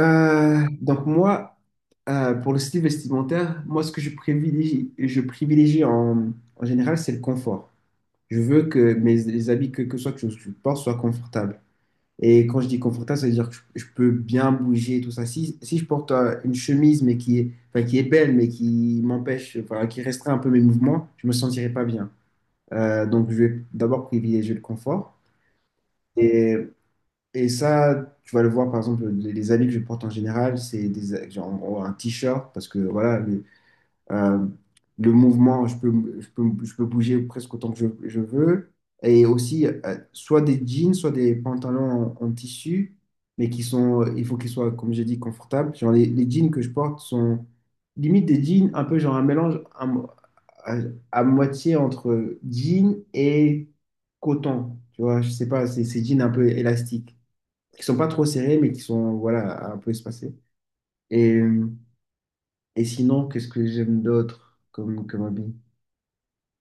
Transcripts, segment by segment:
Donc moi, pour le style vestimentaire, moi, ce que je privilégie en général, c'est le confort. Je veux que mes les habits, que je porte, soient confortables. Et quand je dis confortable, ça veut dire que je peux bien bouger, tout ça. Si je porte une chemise, mais qui est, enfin, qui est belle, mais qui m'empêche, enfin, qui restreint un peu mes mouvements, je me sentirai pas bien. Donc, je vais d'abord privilégier le confort. Et et ça, tu vas le voir, par exemple, les habits que je porte en général, c'est des, genre, un t-shirt, parce que voilà, euh, le mouvement, je peux bouger presque autant que je veux. Et aussi, soit des jeans, soit des pantalons en tissu, mais qui sont, il faut qu'ils soient, comme j'ai dit, confortables. Genre, les jeans que je porte sont limite des jeans, un peu genre un mélange à, à moitié entre jeans et coton. Tu vois, je sais pas, c'est jeans un peu élastiques qui sont pas trop serrés, mais qui sont voilà, un peu espacés. Et, euh, et sinon, qu'est-ce que j'aime d'autre comme habit?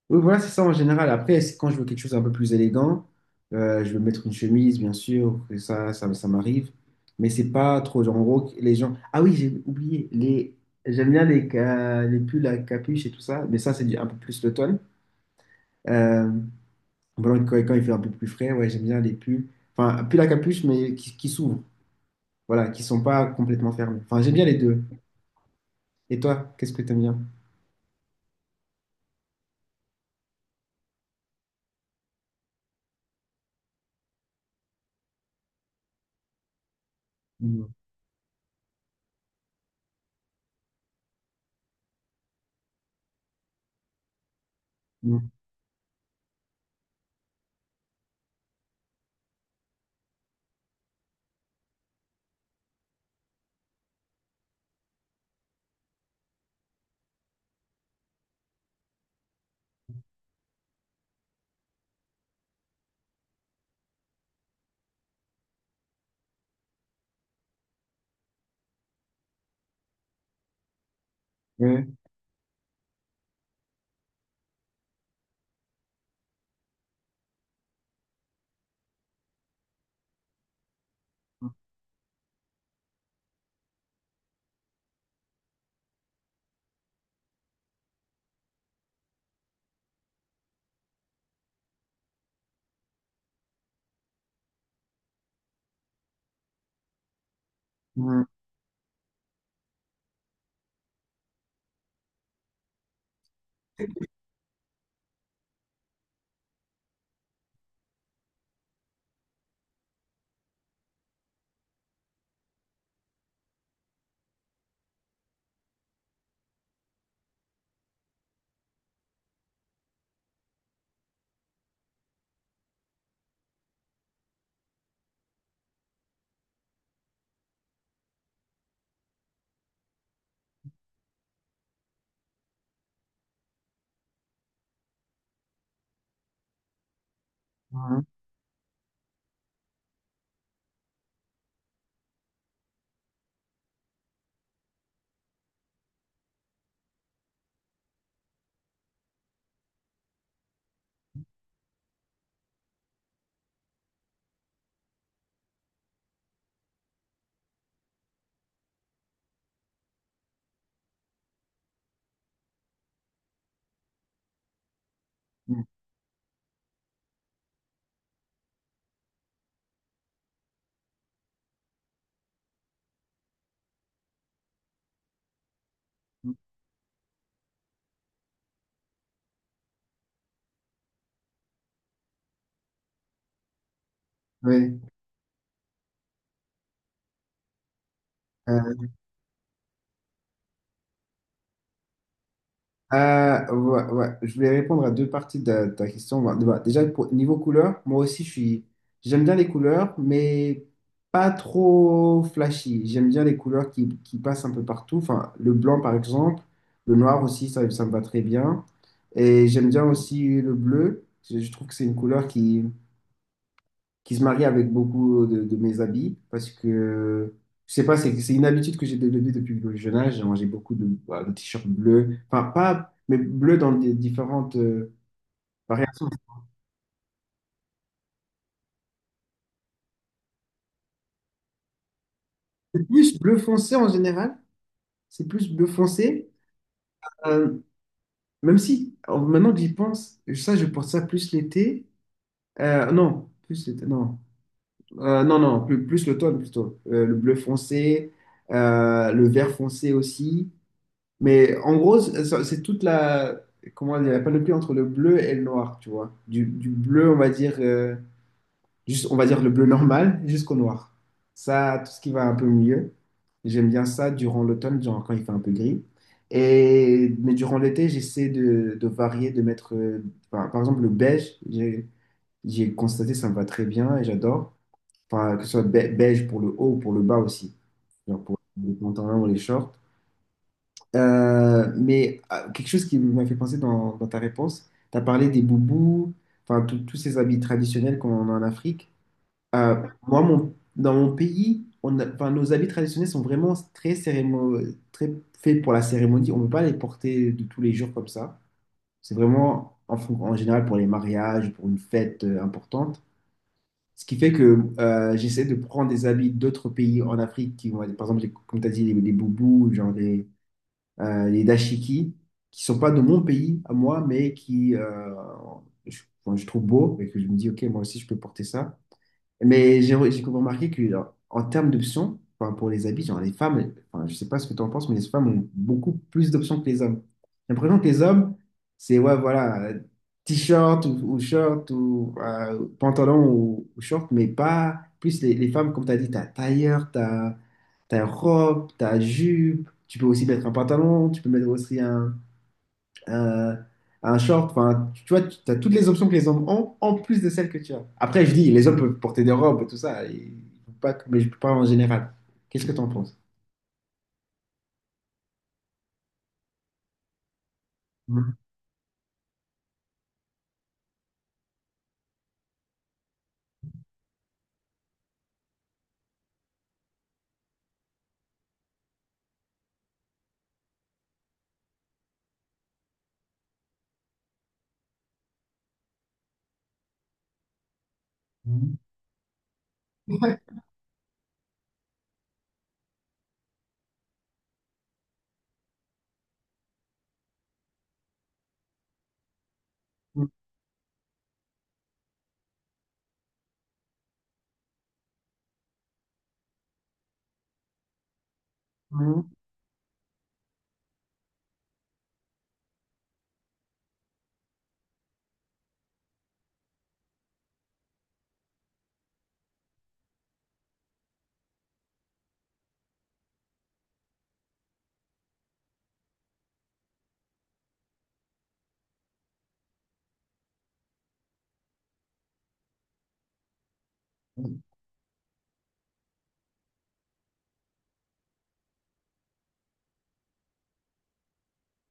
Oui, voilà, c'est ça en général. Après, c'est quand je veux quelque chose un peu plus élégant, je vais mettre une chemise, bien sûr, que ça m'arrive. Mais c'est pas trop, genre, en gros, les gens. Ah oui, j'ai oublié, les... j'aime bien les pulls à capuche et tout ça, mais ça, c'est un peu plus l'automne. Euh, voilà, quand, quand il fait un peu plus frais, ouais, j'aime bien les pulls. Enfin, pulls à capuche, mais qui s'ouvrent, voilà, qui sont pas complètement fermés. Enfin, j'aime bien les deux. Et toi, qu'est-ce que t'aimes bien? Mm, mm, ouais. Mm, mm, mm, mm, ouais. Euh, ouais, ouais. Je voulais répondre à deux parties de ta question. Bah, déjà, niveau couleur, moi aussi, j'aime bien les couleurs, mais pas trop flashy. J'aime bien les couleurs qui passent un peu partout. Enfin, le blanc, par exemple. Le noir aussi, ça me va très bien. Et j'aime bien aussi le bleu. Je trouve que c'est une couleur qui se marie avec beaucoup de mes habits parce que je sais pas, c'est une habitude que j'ai développée depuis le jeune âge. Genre, j'ai beaucoup de, bah, de t-shirts bleus, enfin pas, mais bleus dans des différentes variations. C'est plus bleu foncé en général, c'est plus bleu foncé. Euh, même si maintenant que j'y pense, ça je porte ça plus l'été. Non, plus l'été, non. Plus l'automne plutôt. Le bleu foncé, le vert foncé aussi. Mais en gros, c'est toute la, comment dire, la panoplie entre le bleu et le noir, tu vois. Du bleu, on va dire, juste, on va dire le bleu normal jusqu'au noir. Ça, tout ce qui va un peu mieux. J'aime bien ça durant l'automne, genre quand il fait un peu gris. Et, mais durant l'été, j'essaie de varier, de mettre, par exemple, le beige. J'ai constaté, ça me va très bien et j'adore. Enfin, que ce soit beige pour le haut ou pour le bas aussi. Genre pour les pantalons ou les shorts. Mais quelque chose qui m'a fait penser dans ta réponse, tu as parlé des boubous, enfin tous ces habits traditionnels qu'on a en Afrique. Euh, moi, mon, dans mon pays, enfin, nos habits traditionnels sont vraiment très, très faits pour la cérémonie. On ne peut pas les porter de tous les jours comme ça. C'est vraiment en général pour les mariages, pour une fête importante. Ce qui fait que j'essaie de prendre des habits d'autres pays en Afrique, qui, par exemple, comme tu as dit, les boubous, genre des les dashiki, qui sont pas de mon pays à moi, mais qui je, enfin, je trouve beau et que je me dis, ok, moi aussi je peux porter ça. Mais j'ai remarqué que genre, en termes d'options, enfin, pour les habits, genre les femmes, enfin, je sais pas ce que tu en penses, mais les femmes ont beaucoup plus d'options que les hommes. J'ai l'impression que les hommes, c'est ouais, voilà, t-shirt ou short ou pantalon ou short, mais pas plus les femmes, comme tu as dit, tu as tailleur, tu as ta robe, ta jupe, tu peux aussi mettre un pantalon, tu peux mettre aussi un, un short, enfin, tu vois, tu as toutes les options que les hommes ont, en plus de celles que tu as. Après, je dis, les hommes peuvent porter des robes et tout ça, et- pas, mais je parle en général. Qu'est-ce que tu en penses? Mhm. Mhm. Mhm.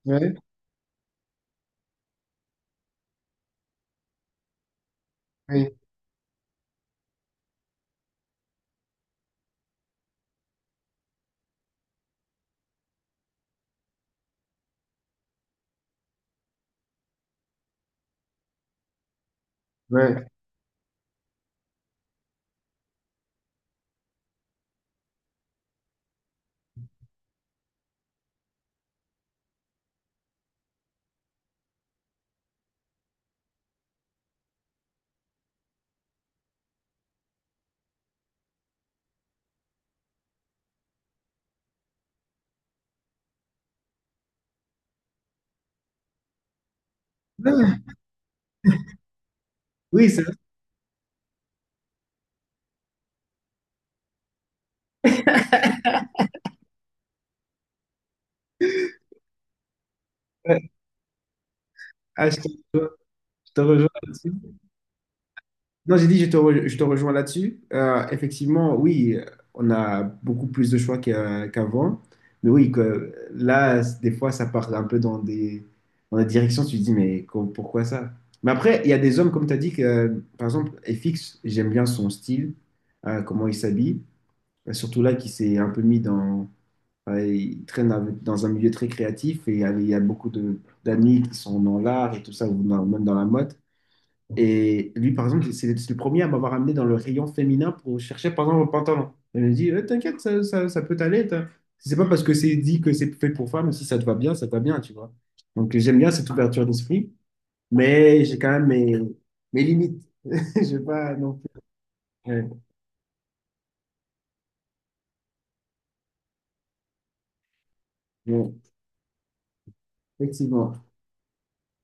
Ouais, ouais, ouais. Ah, oui, c'est vrai. Ouais, ah, je te rejoins. Non, j'ai dit, je te rejoins là-dessus. Effectivement, oui, on a beaucoup plus de choix qu'avant. Mais oui, que, là, des fois, ça part un peu dans dans des directions. Tu te dis, mais pourquoi ça? Mais après, il y a des hommes, comme tu as dit, que, par exemple, FX, j'aime bien son style, comment il s'habille. Surtout là, qui s'est un peu mis dans. Euh, il traîne dans un milieu très créatif et il y a beaucoup d'amis qui sont dans l'art et tout ça, ou même dans la mode. Et lui, par exemple, c'est le premier à m'avoir amené dans le rayon féminin pour chercher, par exemple, un pantalon. Il me dit, eh, t'inquiète, ça peut t'aller. C'est pas parce que c'est dit que c'est fait pour femmes, si ça te va bien, ça te va bien, tu vois. Donc, j'aime bien cette ouverture d'esprit, mais j'ai quand même mes limites. Je vais pas non plus. Ouais, bon, effectivement.